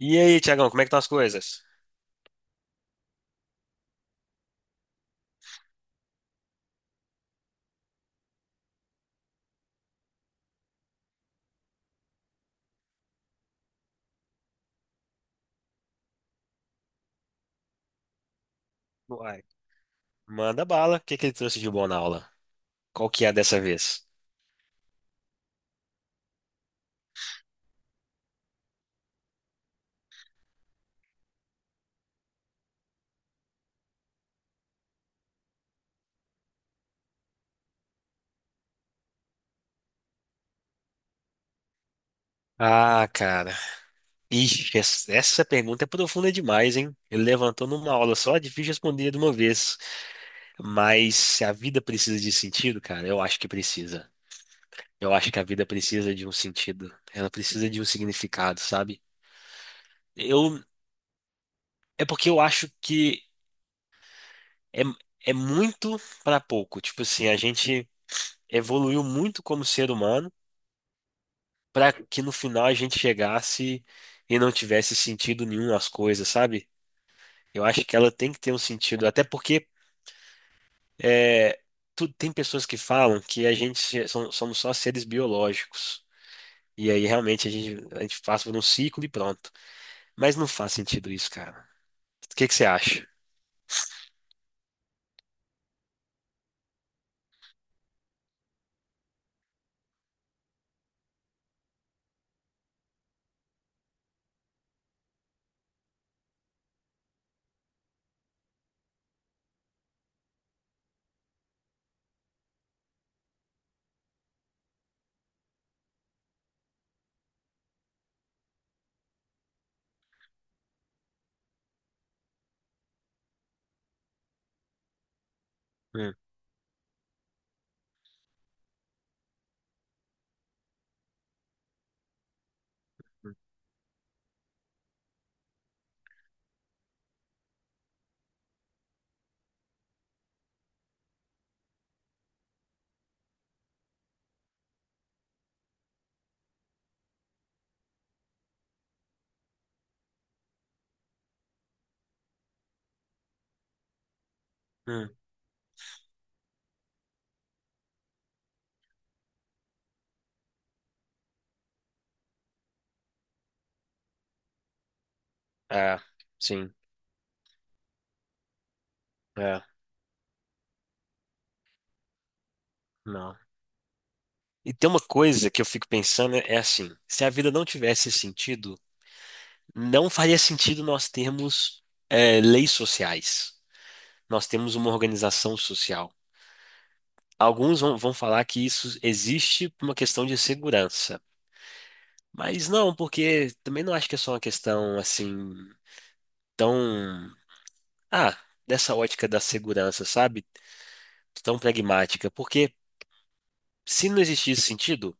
E aí, Tiagão, como é que estão as coisas? Uai. Manda bala. O que que ele trouxe de bom na aula? Qual que é dessa vez? Ah, cara. Ixi, essa pergunta é profunda demais, hein? Ele levantou numa aula só, difícil responder de uma vez. Mas se a vida precisa de sentido, cara, eu acho que precisa. Eu acho que a vida precisa de um sentido. Ela precisa de um significado, sabe? Eu, é porque eu acho que é, é muito para pouco. Tipo assim, a gente evoluiu muito como ser humano. Para que no final a gente chegasse e não tivesse sentido nenhum as coisas, sabe? Eu acho que ela tem que ter um sentido, até porque é, tem pessoas que falam que a gente se- som- somos só seres biológicos. E aí realmente a gente passa por um ciclo e pronto. Mas não faz sentido isso, cara. O que que você acha? Hum, hum, é, sim, é, não. E tem uma coisa que eu fico pensando, é assim, se a vida não tivesse sentido, não faria sentido nós termos, leis sociais. Nós temos uma organização social. Alguns vão falar que isso existe por uma questão de segurança. Mas não, porque também não acho que é só uma questão assim tão. Ah, dessa ótica da segurança, sabe? Tão pragmática. Porque se não existisse sentido,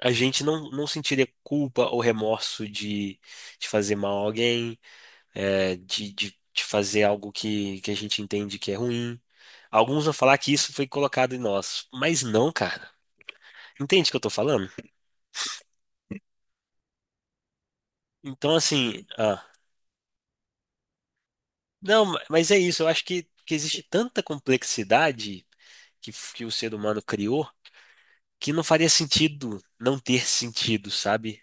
a gente não, não sentiria culpa ou remorso de fazer mal a alguém, de fazer algo que a gente entende que é ruim. Alguns vão falar que isso foi colocado em nós, mas não, cara. Entende o que eu tô falando? Então, assim, ah, não, mas é isso. Eu acho que existe tanta complexidade que o ser humano criou, que não faria sentido não ter sentido, sabe?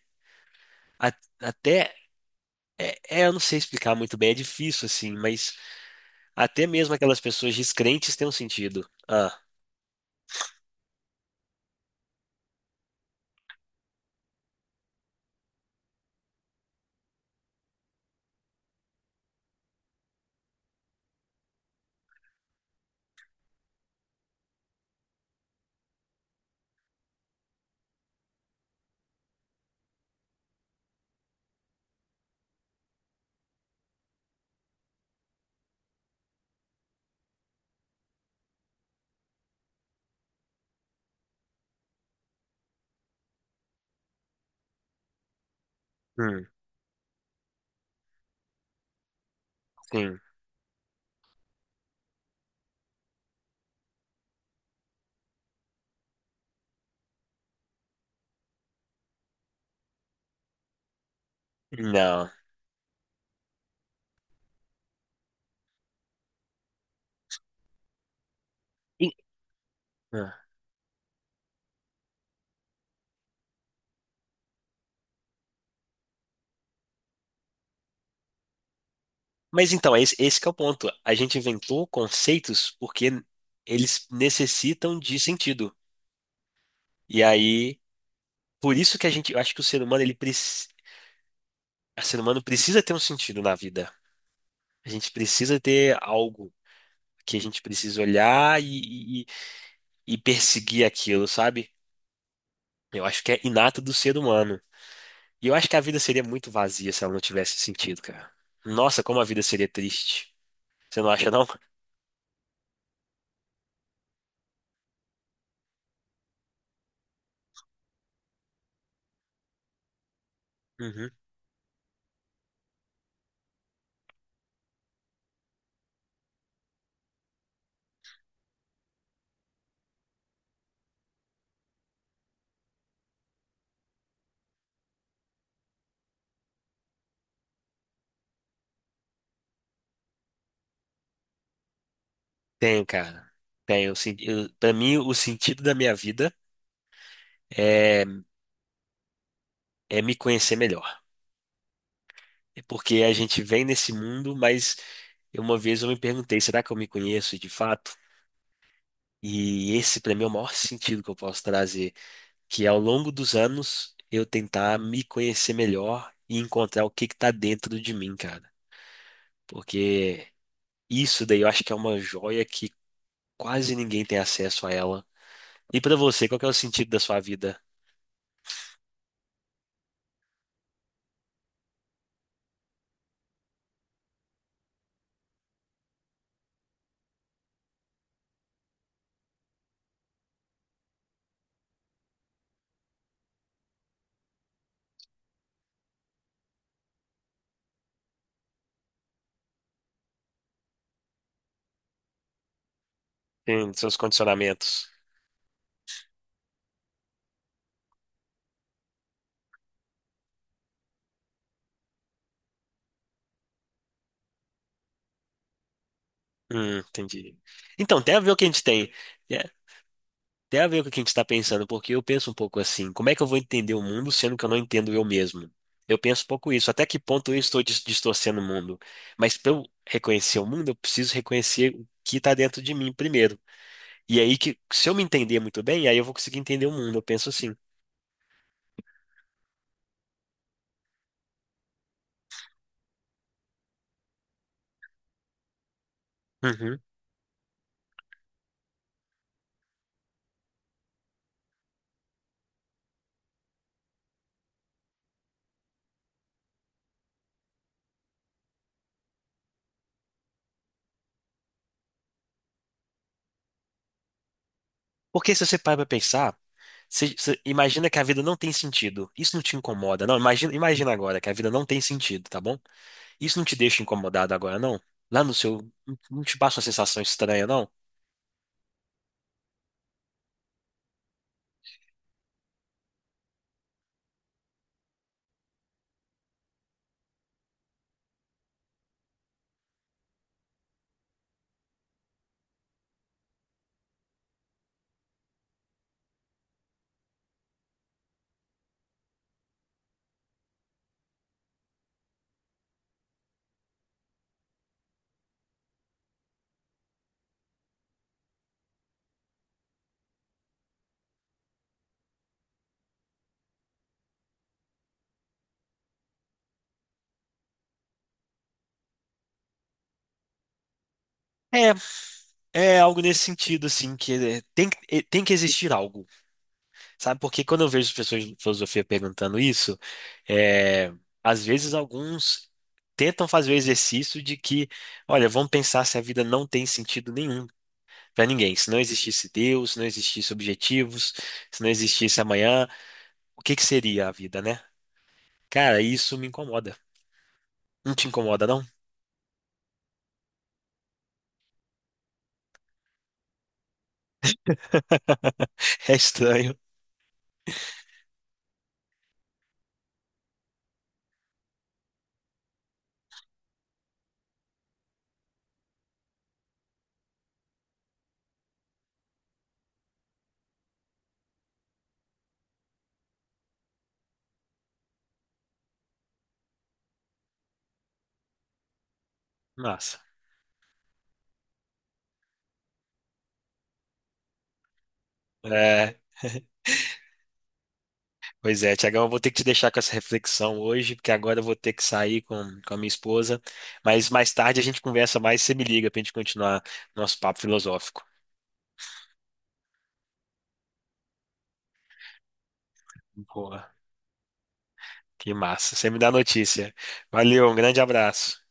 A- até, eu não sei explicar muito bem, é difícil, assim, mas até mesmo aquelas pessoas descrentes têm um sentido. Ah, hum, sim, não. E- Mas então, esse que é o ponto. A gente inventou conceitos porque eles necessitam de sentido. E aí, por isso que eu acho que o ser humano precisa ter um sentido na vida. A gente precisa ter algo que a gente precisa olhar e perseguir aquilo, sabe? Eu acho que é inato do ser humano. E eu acho que a vida seria muito vazia se ela não tivesse sentido, cara. Nossa, como a vida seria triste. Você não acha, não? Uhum. Tem, cara. Tem. Para mim, o sentido da minha vida é, é me conhecer melhor. É porque a gente vem nesse mundo, mas uma vez eu me perguntei, será que eu me conheço de fato? E esse, pra mim, é o maior sentido que eu posso trazer, que ao longo dos anos eu tentar me conhecer melhor e encontrar o que que tá dentro de mim, cara. Porque isso daí eu acho que é uma joia que quase ninguém tem acesso a ela. E pra você, qual que é o sentido da sua vida? Tem seus condicionamentos? Entendi. Então, tem a ver o que a gente tem. é, Tem a ver com o que a gente está pensando, porque eu penso um pouco assim: como é que eu vou entender o mundo sendo que eu não entendo eu mesmo? Eu penso um pouco isso. Até que ponto eu estou distorcendo o mundo? Mas para eu reconhecer o mundo, eu preciso reconhecer o que está dentro de mim primeiro. E aí que, se eu me entender muito bem, aí eu vou conseguir entender o mundo. Eu penso assim. Uhum. Porque se você para pra pensar, você imagina que a vida não tem sentido. Isso não te incomoda. Não, imagina, imagina agora que a vida não tem sentido, tá bom? Isso não te deixa incomodado agora, não? Lá no seu. Não te passa uma sensação estranha, não? É, é algo nesse sentido, assim, tem que existir algo, sabe? Porque quando eu vejo as pessoas de filosofia perguntando isso, é, às vezes alguns tentam fazer o exercício de que, olha, vamos pensar se a vida não tem sentido nenhum para ninguém. Se não existisse Deus, se não existisse objetivos, se não existisse amanhã, o que que seria a vida, né? Cara, isso me incomoda. Não te incomoda, não? É estranho. Nossa. É, Pois é, Tiagão, eu vou ter que te deixar com essa reflexão hoje, porque agora eu vou ter que sair com a minha esposa. Mas mais tarde a gente conversa mais, você me liga pra gente continuar nosso papo filosófico. Boa, que massa. Você me dá notícia. Valeu, um grande abraço.